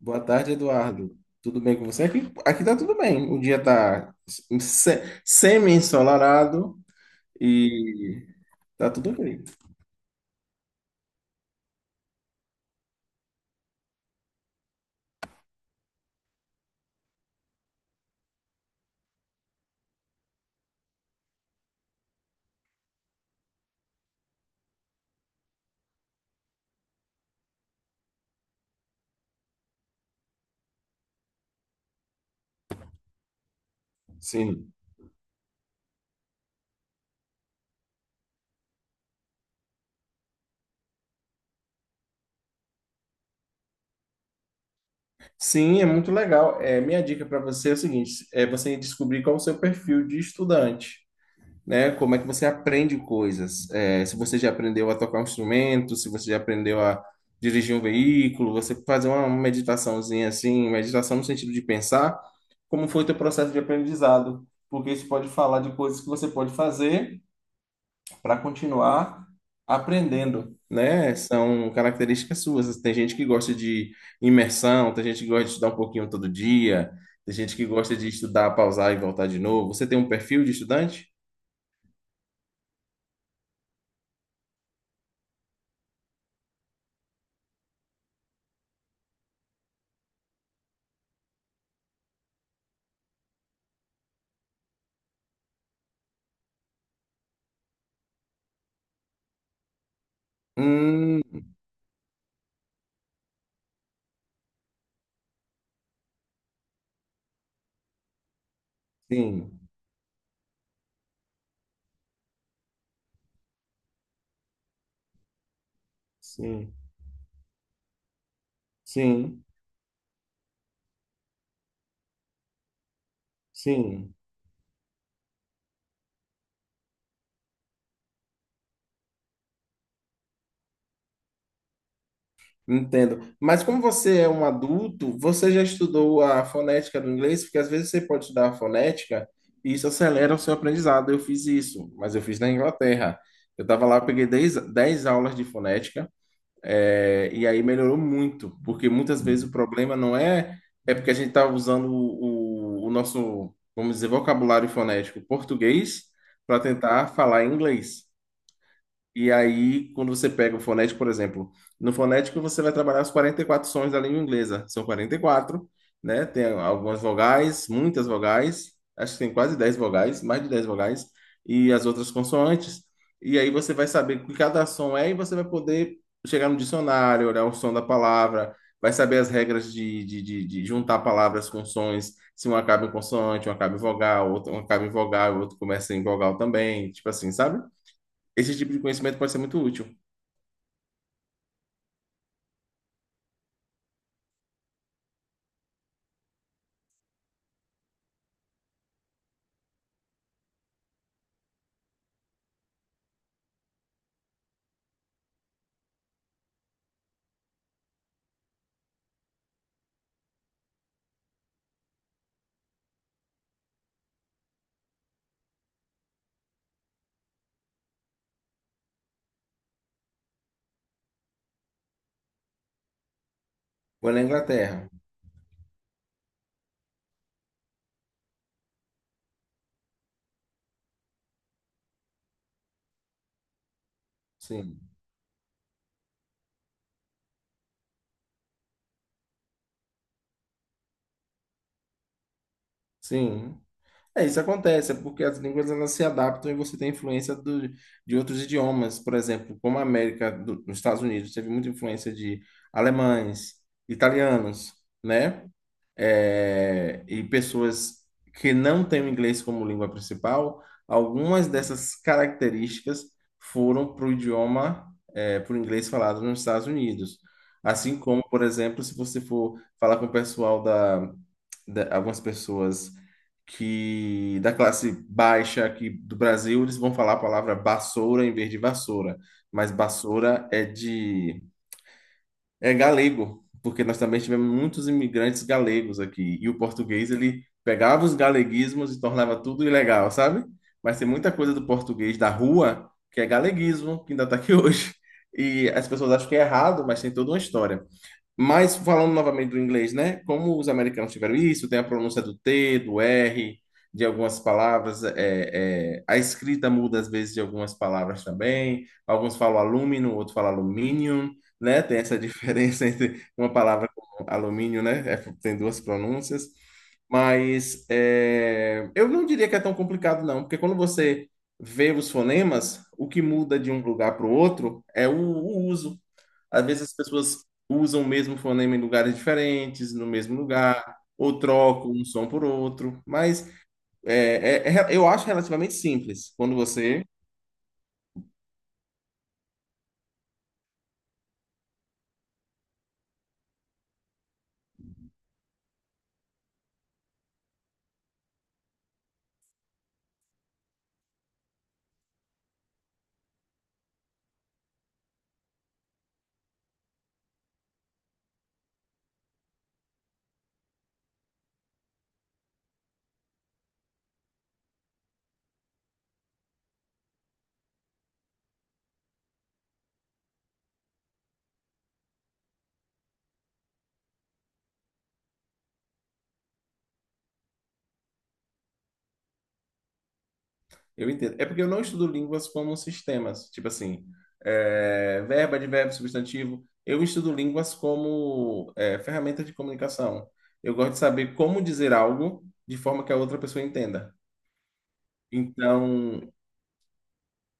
Boa tarde, Eduardo. Tudo bem com você? Aqui tá tudo bem. O dia tá semi-ensolarado e tá tudo bem. Sim. Sim, é muito legal. Minha dica para você é o seguinte, é você descobrir qual o seu perfil de estudante. Né? Como é que você aprende coisas? Se você já aprendeu a tocar um instrumento, se você já aprendeu a dirigir um veículo, você fazer uma meditaçãozinha assim, meditação no sentido de pensar como foi o teu processo de aprendizado, porque isso pode falar de coisas que você pode fazer para continuar aprendendo, né? São características suas. Tem gente que gosta de imersão, tem gente que gosta de estudar um pouquinho todo dia, tem gente que gosta de estudar, pausar e voltar de novo. Você tem um perfil de estudante? Hum, sim, sim, sim, sim, entendo. Mas como você é um adulto, você já estudou a fonética do inglês? Porque às vezes você pode estudar a fonética e isso acelera o seu aprendizado. Eu fiz isso, mas eu fiz na Inglaterra. Eu estava lá, eu peguei dez aulas de fonética. E aí melhorou muito, porque muitas vezes o problema não é, é porque a gente está usando o nosso, vamos dizer, vocabulário fonético português para tentar falar inglês. E aí, quando você pega o fonético, por exemplo, no fonético você vai trabalhar os 44 sons da língua inglesa. São 44, né? Tem algumas vogais, muitas vogais, acho que tem quase 10 vogais, mais de 10 vogais, e as outras consoantes. E aí você vai saber o que cada som é e você vai poder chegar no dicionário, olhar o som da palavra, vai saber as regras de juntar palavras com sons, se uma acaba em consoante, uma acaba em vogal, outra uma acaba em vogal, outro começa em vogal também, tipo assim, sabe? Esse tipo de conhecimento pode ser muito útil. Foi na Inglaterra. Sim. Sim. Isso acontece, é porque as línguas elas se adaptam e você tem influência de outros idiomas. Por exemplo, como a América, do, nos Estados Unidos, teve muita influência de alemães, italianos, né? E pessoas que não têm o inglês como língua principal, algumas dessas características foram para o idioma, é, para o inglês falado nos Estados Unidos. Assim como, por exemplo, se você for falar com o pessoal da algumas pessoas que da classe baixa aqui do Brasil, eles vão falar a palavra vassoura em vez de vassoura, mas vassoura é de galego, porque nós também tivemos muitos imigrantes galegos aqui. E o português, ele pegava os galeguismos e tornava tudo ilegal, sabe? Mas tem muita coisa do português da rua que é galeguismo, que ainda está aqui hoje. E as pessoas acham que é errado, mas tem toda uma história. Mas falando novamente do inglês, né? Como os americanos tiveram isso, tem a pronúncia do T, do R, de algumas palavras, a escrita muda às vezes de algumas palavras também. Alguns falam alumínio, outros falam aluminium, né? Tem essa diferença entre uma palavra como alumínio, né? É, tem duas pronúncias. Mas é, eu não diria que é tão complicado, não, porque quando você vê os fonemas, o que muda de um lugar para o outro é o uso. Às vezes as pessoas usam o mesmo fonema em lugares diferentes, no mesmo lugar, ou trocam um som por outro, mas eu acho relativamente simples quando você. Eu entendo. É porque eu não estudo línguas como sistemas, tipo assim, é, verbo, advérbio, substantivo. Eu estudo línguas como é, ferramenta de comunicação. Eu gosto de saber como dizer algo de forma que a outra pessoa entenda. Então,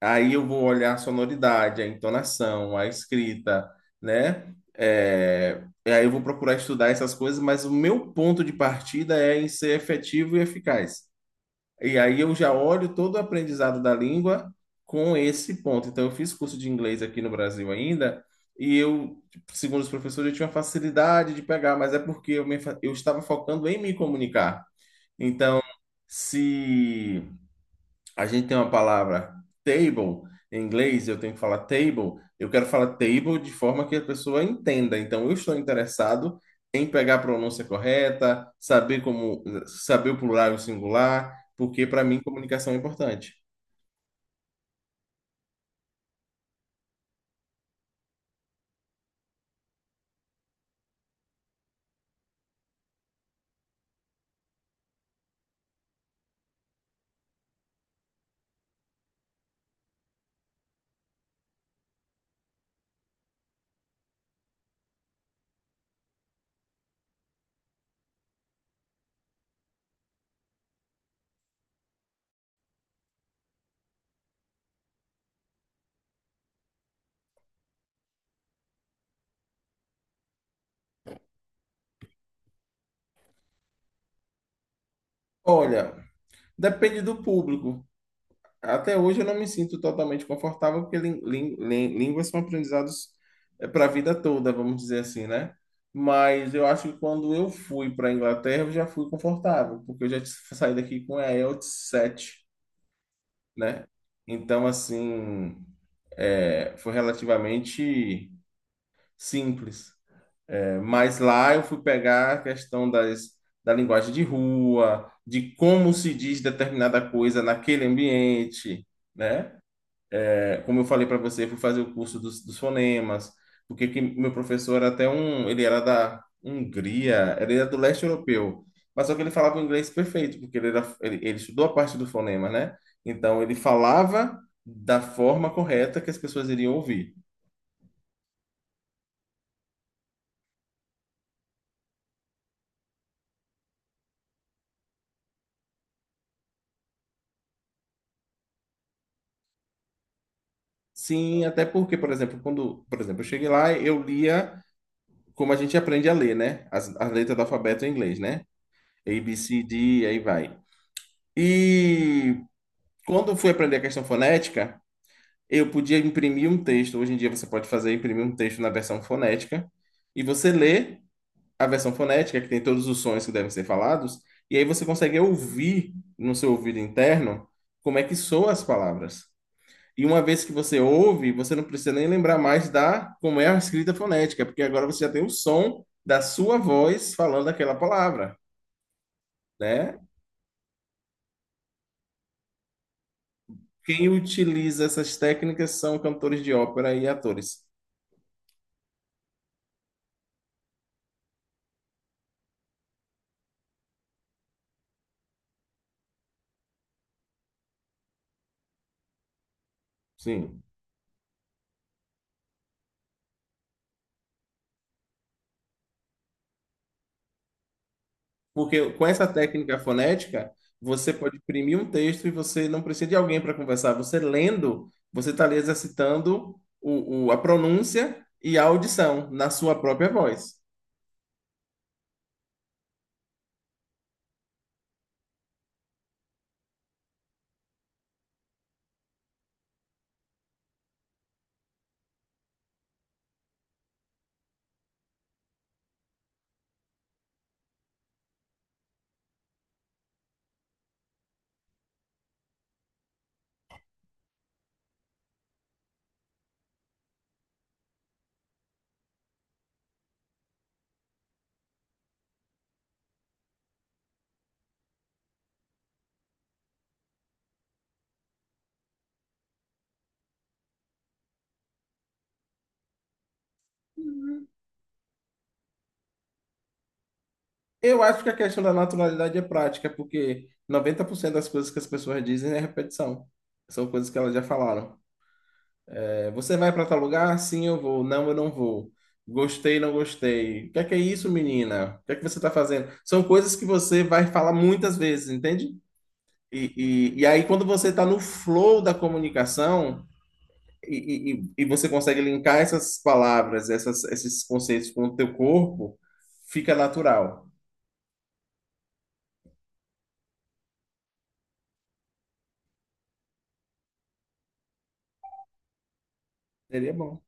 aí eu vou olhar a sonoridade, a entonação, a escrita, né? E aí eu vou procurar estudar essas coisas, mas o meu ponto de partida é em ser efetivo e eficaz. E aí eu já olho todo o aprendizado da língua com esse ponto. Então eu fiz curso de inglês aqui no Brasil ainda, e eu, segundo os professores, eu tinha facilidade de pegar, mas é porque eu estava focando em me comunicar. Então, se a gente tem uma palavra table em inglês, eu tenho que falar table, eu quero falar table de forma que a pessoa entenda. Então, eu estou interessado em pegar a pronúncia correta, saber como saber o plural e o singular, porque para mim comunicação é importante. Olha, depende do público. Até hoje eu não me sinto totalmente confortável, porque línguas são aprendizados para a vida toda, vamos dizer assim, né? Mas eu acho que quando eu fui para a Inglaterra, eu já fui confortável, porque saí daqui com a IELTS 7, né? Então, assim, é, foi relativamente simples. É, mas lá eu fui pegar a questão das, da linguagem de rua, de como se diz determinada coisa naquele ambiente, né? É, como eu falei para você, eu fui fazer o curso dos fonemas, porque que meu professor era até um, ele era da Hungria, ele era do leste europeu, mas só que ele falava o inglês perfeito, porque ele estudou a parte do fonema, né? Então ele falava da forma correta que as pessoas iriam ouvir. Sim, até porque, por exemplo, quando, por exemplo, eu cheguei lá, eu lia como a gente aprende a ler, né? As letras do alfabeto em inglês, né? A, B, C, D, aí vai. E quando eu fui aprender a questão fonética, eu podia imprimir um texto. Hoje em dia você pode fazer imprimir um texto na versão fonética e você lê a versão fonética que tem todos os sons que devem ser falados e aí você consegue ouvir no seu ouvido interno como é que soam as palavras. E uma vez que você ouve, você não precisa nem lembrar mais da como é a escrita fonética, porque agora você já tem o som da sua voz falando aquela palavra, né? Quem utiliza essas técnicas são cantores de ópera e atores. Sim. Porque com essa técnica fonética, você pode imprimir um texto e você não precisa de alguém para conversar. Você lendo, você está ali exercitando a pronúncia e a audição na sua própria voz. Uhum. Eu acho que a questão da naturalidade é prática, porque 90% das coisas que as pessoas dizem é repetição. São coisas que elas já falaram. É, você vai para tal lugar? Sim, eu vou. Não, eu não vou. Gostei, não gostei. O que é isso, menina? O que é que você está fazendo? São coisas que você vai falar muitas vezes, entende? E aí, quando você está no flow da comunicação e você consegue linkar essas palavras, essas, esses conceitos com o teu corpo, fica natural. Seria bom.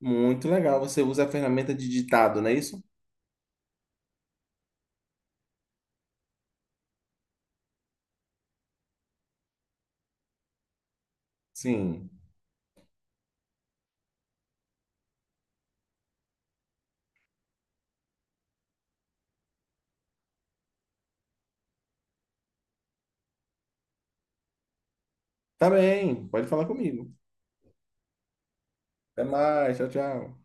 Muito legal. Você usa a ferramenta de ditado, não é isso? Sim. Tá bem. Pode falar comigo. Até mais. Tchau, tchau.